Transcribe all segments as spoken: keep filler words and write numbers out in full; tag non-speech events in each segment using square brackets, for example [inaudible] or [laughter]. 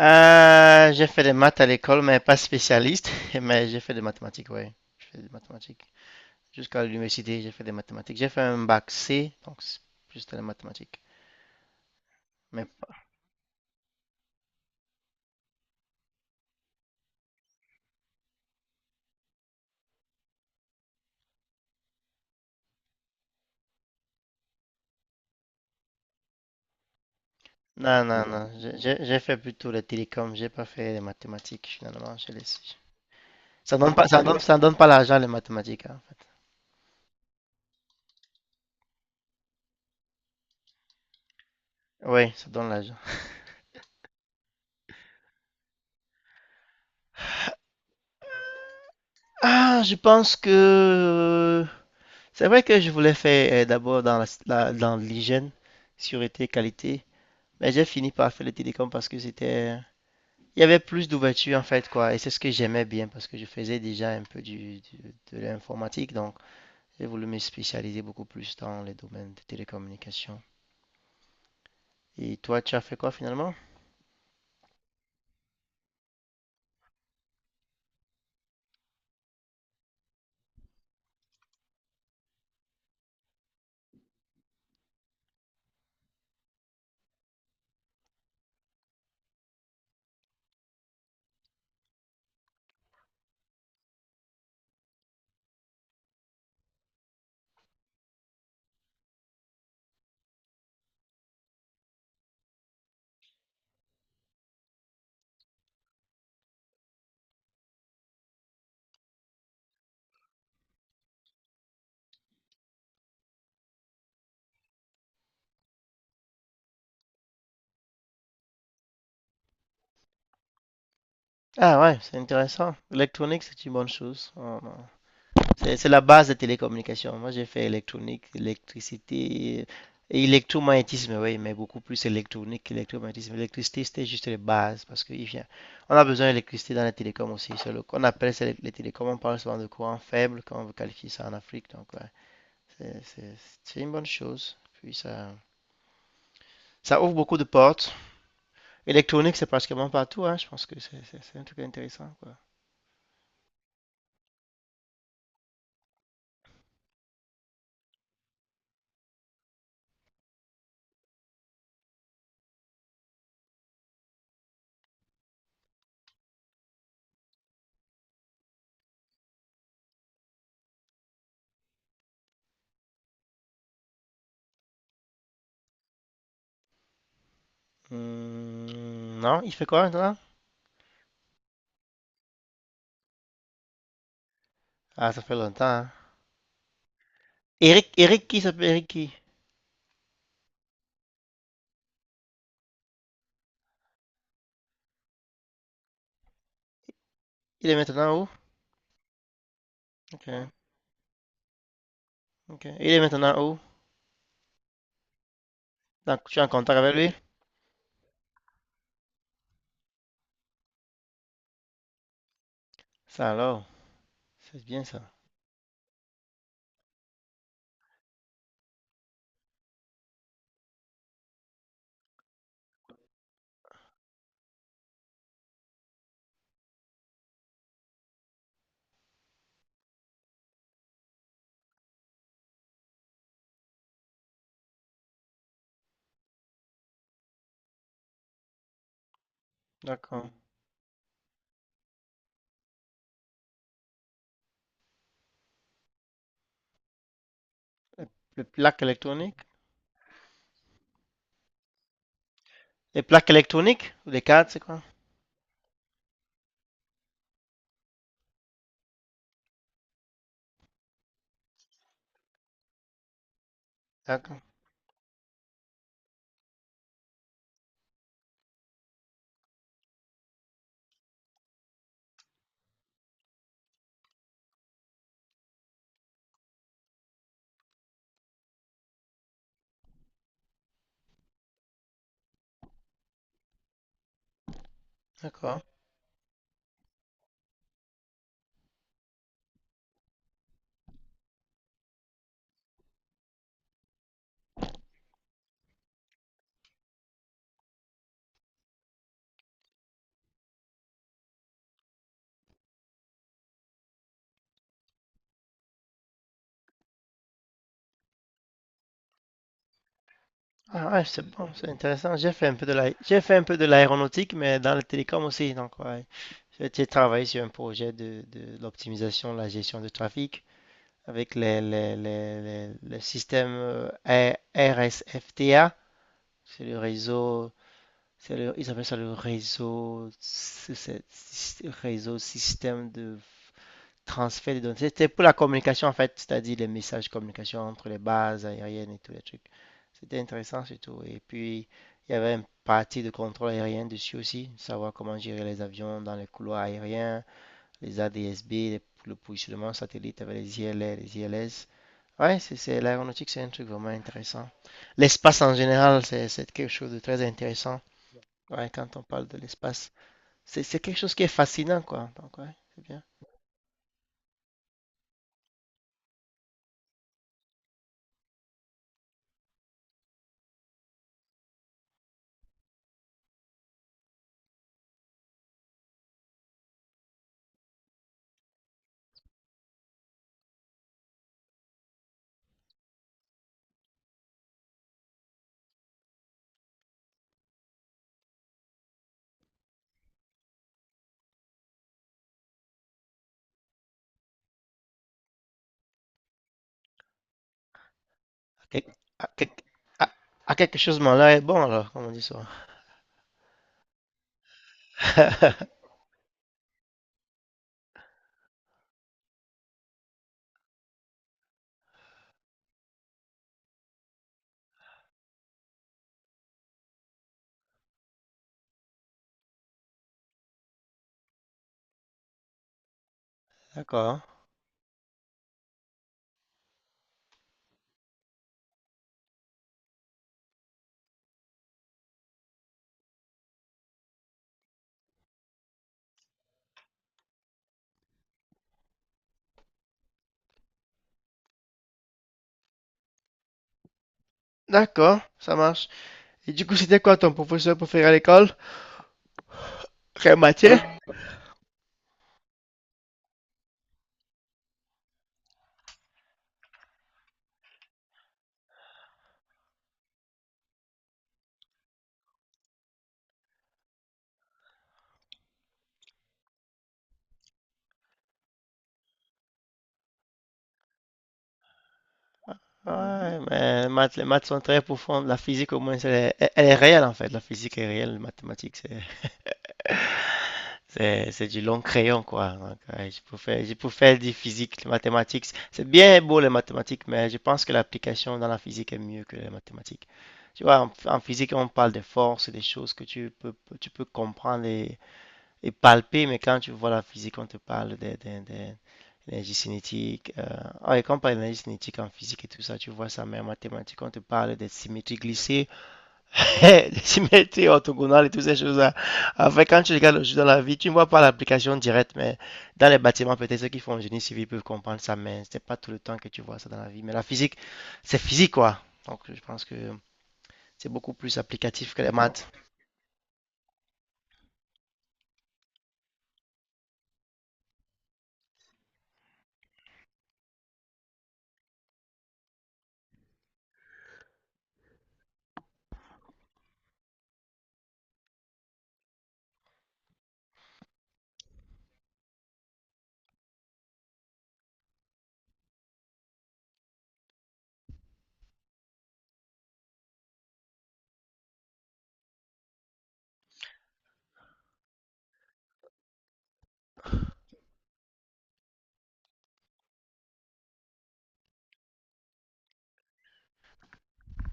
Euh, j'ai fait des maths à l'école, mais pas spécialiste. [laughs] Mais j'ai fait des mathématiques, oui. J'ai fait des mathématiques. Jusqu'à l'université, j'ai fait des mathématiques. J'ai fait un bac C, donc c'est juste les mathématiques. Mais pas- non, non, non. J'ai j'ai- j'ai fait plutôt les télécoms. J'ai pas fait les mathématiques, finalement. J'ai laissé. Ça donne pas, ça donne, ça donne pas l'argent, les mathématiques, hein, en fait. Oui, ça donne l'argent. Ah, je pense que euh, c'est vrai que je voulais faire euh, d'abord dans la, la- dans l'hygiène, sûreté, qualité. Mais j'ai fini par faire le télécom parce que c'était... Il y avait plus d'ouverture en fait, quoi. Et c'est ce que j'aimais bien parce que je faisais déjà un peu du, du- de l'informatique. Donc, j'ai voulu me spécialiser beaucoup plus dans les domaines de télécommunications. Et toi, tu as fait quoi finalement? Ah ouais, c'est intéressant. L'électronique, c'est une bonne chose. On- C'est la base des télécommunications. Moi, j'ai fait électronique, électricité et électromagnétisme, oui, mais beaucoup plus électronique qu'électromagnétisme. L'électricité, c'était juste les bases parce qu'il vient. On a besoin d'électricité dans les télécoms aussi. C'est le- on appelle ça les, télécoms, on parle souvent de courant faible quand on veut qualifier ça en Afrique. Donc, ouais, c'est une bonne chose. Puis, ça, ça ouvre beaucoup de portes. Électronique, c'est pratiquement partout, hein. Je pense que c'est un truc intéressant, quoi. Hmm, non, il fait quoi maintenant? Ah, ça fait longtemps, hein. Eric, Eric qui s'appelle Eric qui? Il est maintenant où? Ok, ok. Il est maintenant où? Donc, tu es en contact avec lui? Ça alors, c'est bien ça. D'accord. Les, les plaques électroniques? Les plaques électroniques? Ou les cartes, c'est quoi? D'accord, d'accord. Ah ouais, c'est bon, c'est intéressant. J'ai fait un peu de la, j'ai fait un peu de l'aéronautique, mais dans le télécom aussi. Donc, ouais. J'ai travaillé sur un projet de, de de l'optimisation, la gestion du trafic avec les, les, les, les- le système euh, R- RSFTA. C'est le réseau C'est le- Ils appellent ça le réseau, c'est- c'est- c'est- réseau système de transfert de données. C'était pour la communication en fait, c'est-à-dire les messages de communication entre les bases aériennes et tous les trucs. C'était intéressant surtout. Et puis, il y avait une partie de contrôle aérien dessus aussi, savoir comment gérer les avions dans les couloirs aériens, les A D S B, les- le positionnement satellite avec les I L R, les I L S. Ouais, c'est c'est- l'aéronautique, c'est un truc vraiment intéressant. L'espace en général, c'est c'est quelque chose de très intéressant. Ouais, quand on parle de l'espace, c'est c'est quelque chose qui est fascinant, quoi. Donc, ouais, c'est bien. À quelque, à quelque- à- à quelque chose, mon là est bon, alors, comme on dit ça. [laughs] D'accord. D'accord, ça marche. Et du coup, c'était quoi ton professeur préféré à l'école? Quelle matière? Ouais, mais les maths, les maths sont très profondes. La physique, au moins, c'est- elle, elle est réelle, en fait. La physique est réelle, les mathématiques, c'est C'est, c'est du long crayon, quoi. Donc, euh, je peux faire, je peux faire du physique, les mathématiques. C'est bien beau, les mathématiques, mais je pense que l'application dans la physique est mieux que les mathématiques. Tu vois, en, en physique, on parle des forces, des choses que tu peux, tu peux comprendre et, et palper, mais quand tu vois la physique, on te parle des, des, des- l'énergie cinétique. Euh, ah, et quand on parle d'énergie cinétique en physique et tout ça, tu vois ça, mais en mathématiques, on te parle des symétries glissées, [laughs] symétrie, mets orthogonal et toutes ces choses-là. Enfin, quand tu regardes le jeu dans la vie, tu ne vois pas l'application directe, mais dans les bâtiments, peut-être ceux qui font génie civil peuvent comprendre ça, mais c'est pas tout le temps que tu vois ça dans la vie. Mais la physique, c'est physique, quoi. Donc, je pense que c'est beaucoup plus applicatif que les maths.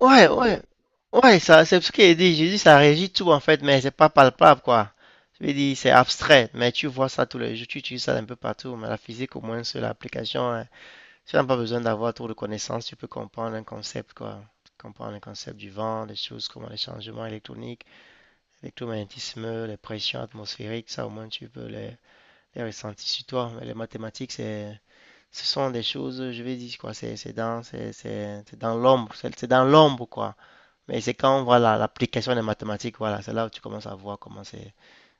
Ouais, ouais. Ouais, ça, c'est ce qu'il dit. J'ai dit, ça régit tout, en fait, mais c'est pas palpable, quoi. Je veux dire, c'est abstrait, mais tu vois ça tous les jours, tu utilises ça un peu partout. Mais la physique, au moins, sur l'application, hein, tu n'as pas besoin d'avoir trop de connaissances, tu peux comprendre un concept, quoi. Comprendre le concept du vent, des choses, comment les changements électroniques, l'électromagnétisme, les pressions atmosphériques, ça au moins tu peux les, les ressentir sur toi. Mais les mathématiques, c'est, ce sont des choses, je vais dire, quoi, c'est c'est dans, c'est c'est- dans l'ombre, c'est c'est dans l'ombre, quoi. Mais c'est quand, voilà, l'application des mathématiques, voilà, c'est là où tu commences à voir comment c'est-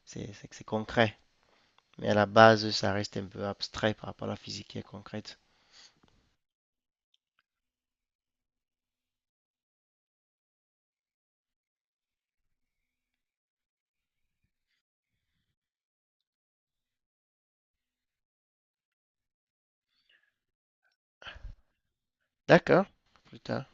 c'est- c'est concret. Mais à la base, ça reste un peu abstrait par rapport à la physique qui est concrète. D'accord, plus tard.